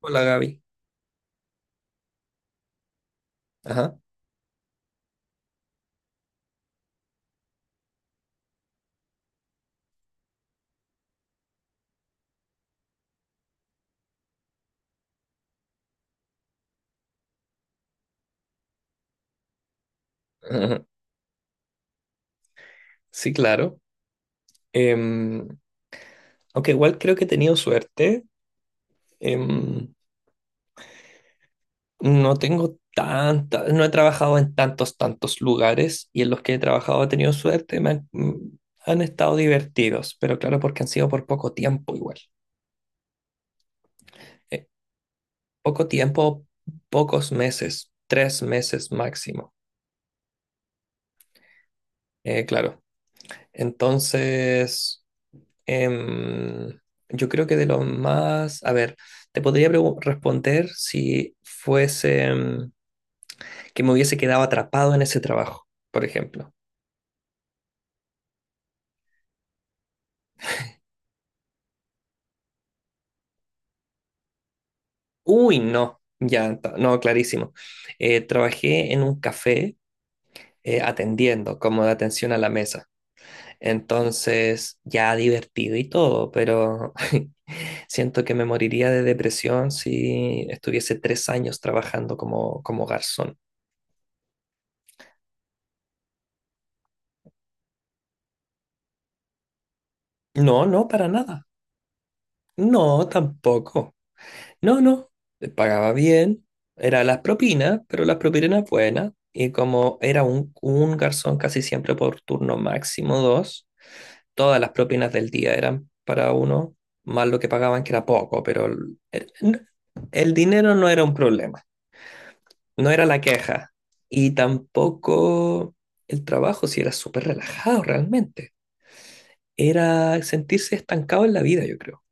Hola Gaby. Ajá. Ajá. Sí, claro. Em, Aunque igual creo que he tenido suerte. Em, no tengo tanta, no he trabajado en tantos lugares y en los que he trabajado he tenido suerte. Me han, han estado divertidos, pero claro, porque han sido por poco tiempo igual. Eh, Poco tiempo, pocos meses, tres meses máximo. Claro. Entonces... Em, yo creo que de los más, a ver, te podría responder si fuese que me hubiese quedado atrapado en ese trabajo, por ejemplo. Uy, no, ya, no, clarísimo. Trabajé en un café atendiendo, como de atención a la mesa. Entonces, ya divertido y todo, pero siento que me moriría de depresión si estuviese tres años trabajando como garzón. No, no, para nada. No, tampoco. No, no. Pagaba bien. Era las propinas, pero las propinas eran buenas. Y como era un garzón casi siempre por turno máximo dos, todas las propinas del día eran para uno, más lo que pagaban que era poco, pero el dinero no era un problema, no era la queja. Y tampoco el trabajo, si era súper relajado realmente. Era sentirse estancado en la vida, yo creo.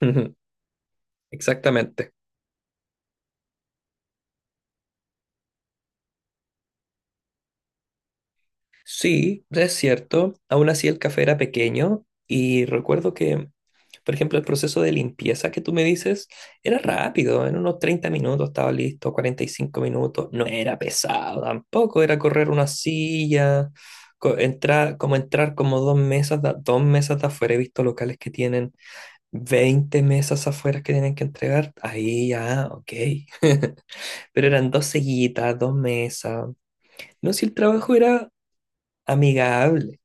Exactamente. Sí, es cierto. Aún así el café era pequeño y recuerdo que, por ejemplo, el proceso de limpieza que tú me dices era rápido. En unos 30 minutos estaba listo, 45 minutos. No era pesado tampoco, era correr una silla, entrar como dos mesas, dos mesas de afuera. He visto locales que tienen 20 mesas afuera que tienen que entregar. Ahí ya, ok. Pero eran dos sillitas, dos mesas. No, si el trabajo era amigable.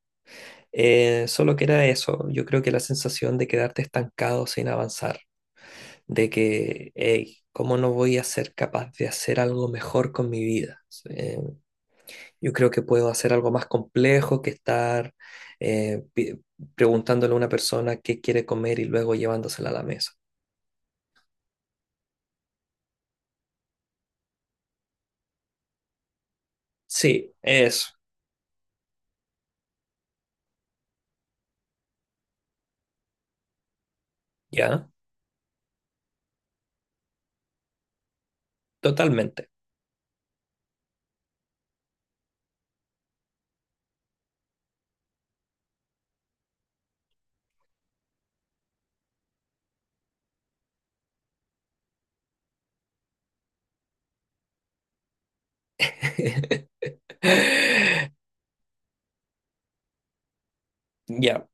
Solo que era eso, yo creo que la sensación de quedarte estancado sin avanzar, de que, hey, ¿cómo no voy a ser capaz de hacer algo mejor con mi vida? Eh, yo creo que puedo hacer algo más complejo que estar eh, pi- preguntándole a una persona qué quiere comer y luego llevándosela a la mesa. Sí, eso, ya, totalmente. Ya,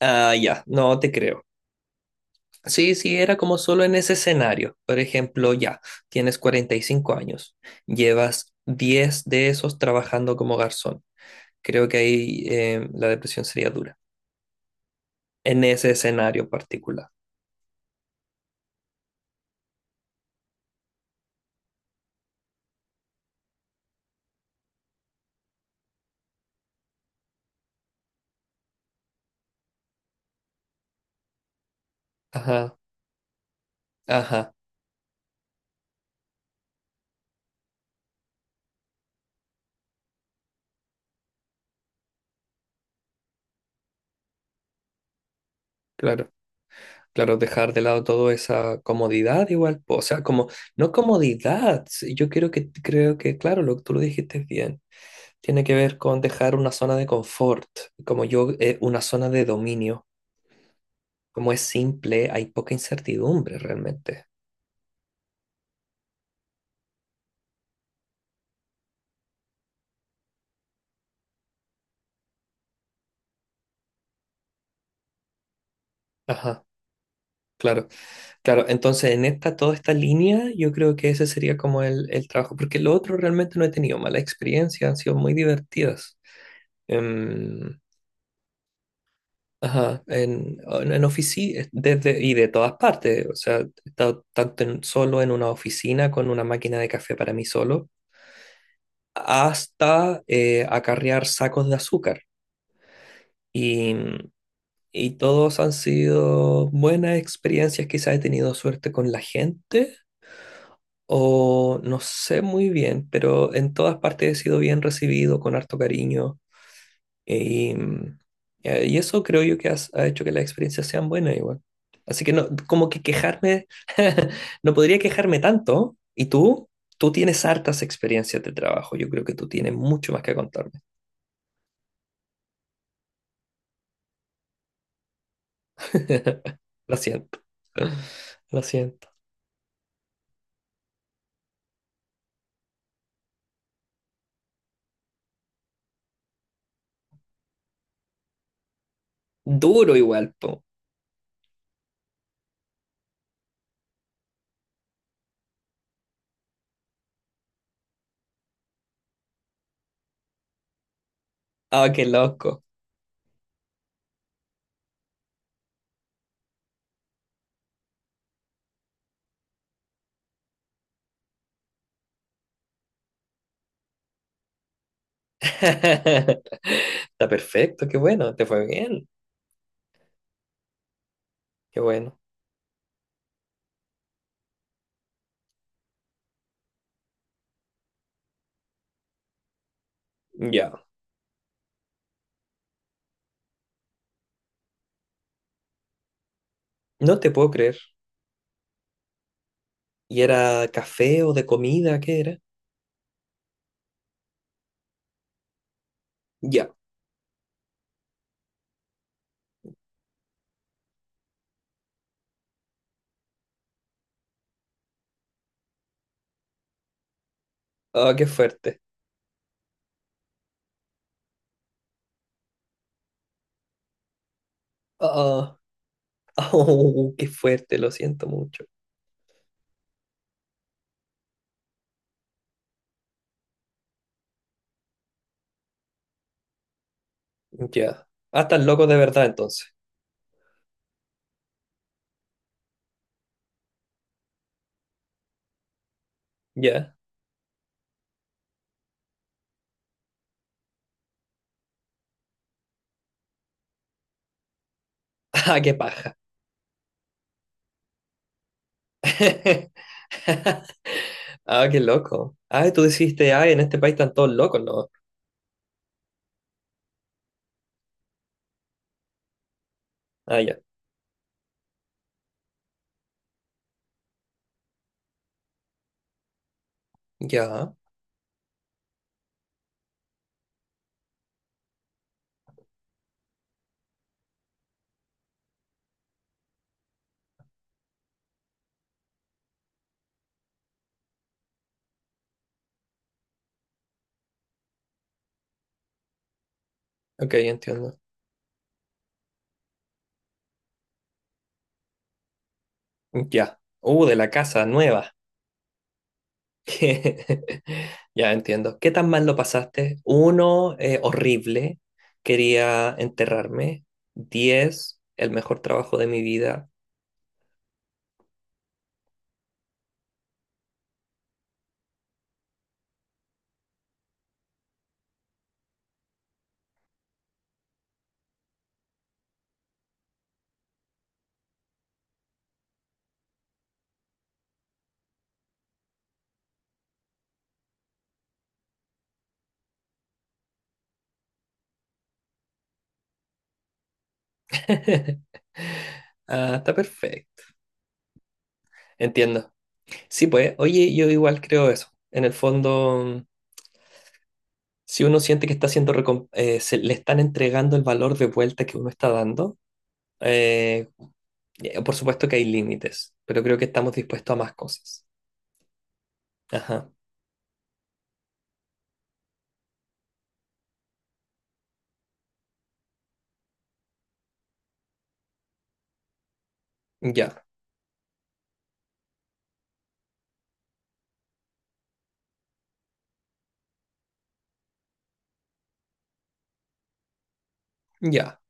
ah, ya, no te creo. Sí, sí, era como solo en ese escenario. Por ejemplo, ya, tienes 45 años, llevas 10 de esos trabajando como garzón. Creo que ahí la depresión sería dura, en ese escenario particular. Ajá, ajá, claro, claro, dejar de lado toda esa comodidad igual, po, o sea, como, no comodidad, sí, yo creo que, claro, lo que tú lo dijiste bien, tiene que ver con dejar una zona de confort, como yo, una zona de dominio como es simple, hay poca incertidumbre realmente. Ajá, claro, claro. Entonces, en esta, toda esta línea, yo creo que ese sería como el trabajo, porque lo otro realmente no he tenido mala experiencia, han sido muy divertidas. Em, ajá, en oficina, desde, y de todas partes, o sea, he estado tanto solo en una oficina con una máquina de café para mí solo, hasta acarrear sacos de azúcar. Y, Y todos han sido buenas experiencias, quizás he tenido suerte con la gente o no sé muy bien, pero en todas partes he sido bien recibido, con harto cariño. Y, mm, y eso creo yo que ha hecho que las experiencias sean buenas igual. Así que no, como que quejarme, no podría quejarme tanto. ¿Y tú? Tú tienes hartas experiencias de trabajo. Yo creo que tú tienes mucho más que contarme. Lo siento, lo siento. Duro igual, po. Ah, qué loco. Está perfecto, qué bueno, te fue bien, qué bueno. Ya, no te puedo creer. ¿Y era café o de comida? ¿Qué era? Ya, ah, qué fuerte. Ah, ah, oh, qué fuerte, lo siento mucho. Ya, ah, estás loco de verdad entonces. Ya, ah, qué paja. Ah, qué loco. Ah, tú dijiste, ah, en este país están todos locos, ¿no? Ah, ya, ya, ok, entiendo. Ya, de la casa nueva. Ya entiendo. ¿Qué tan mal lo pasaste? Uno, horrible. Quería enterrarme. Diez, el mejor trabajo de mi vida. Ah, está perfecto. Entiendo. Sí, pues, oye, yo igual creo eso. En el fondo, mm, si uno siente que está haciendo, se le están entregando el valor de vuelta que uno está dando, eh, por supuesto que hay límites, pero creo que estamos dispuestos a más cosas. Ajá. Ya, ya.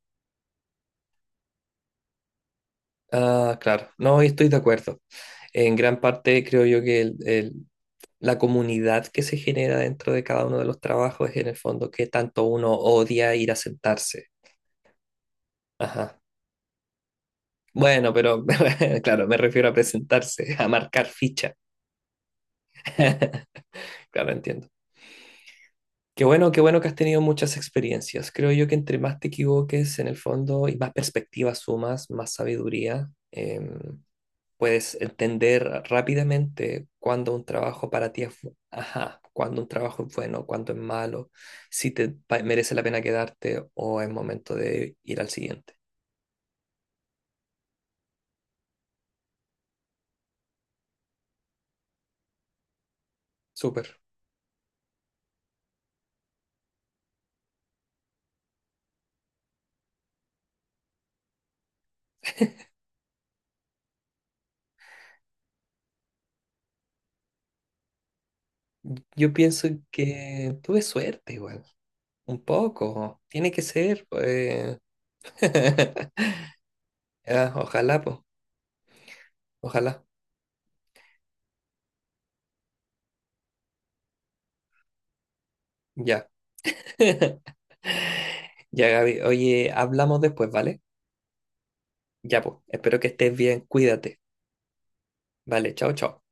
Ah, claro. No, estoy de acuerdo. En gran parte creo yo que la comunidad que se genera dentro de cada uno de los trabajos es en el fondo que tanto uno odia ir a sentarse. Ajá. Bueno, pero claro, me refiero a presentarse, a marcar ficha. Claro, entiendo. Qué bueno que has tenido muchas experiencias. Creo yo que entre más te equivoques en el fondo y más perspectivas sumas, más sabiduría. Puedes entender rápidamente cuándo un trabajo para ti es, ajá, cuándo un trabajo es bueno, cuándo es malo, si te merece la pena quedarte o es momento de ir al siguiente. Súper. Yo pienso que tuve suerte igual, un poco. Tiene que ser, pues. Ah, ojalá, pues. Ojalá. Ya. Ya, Gaby. Oye, hablamos después, ¿vale? Ya, pues. Espero que estés bien. Cuídate. Vale, chao, chao.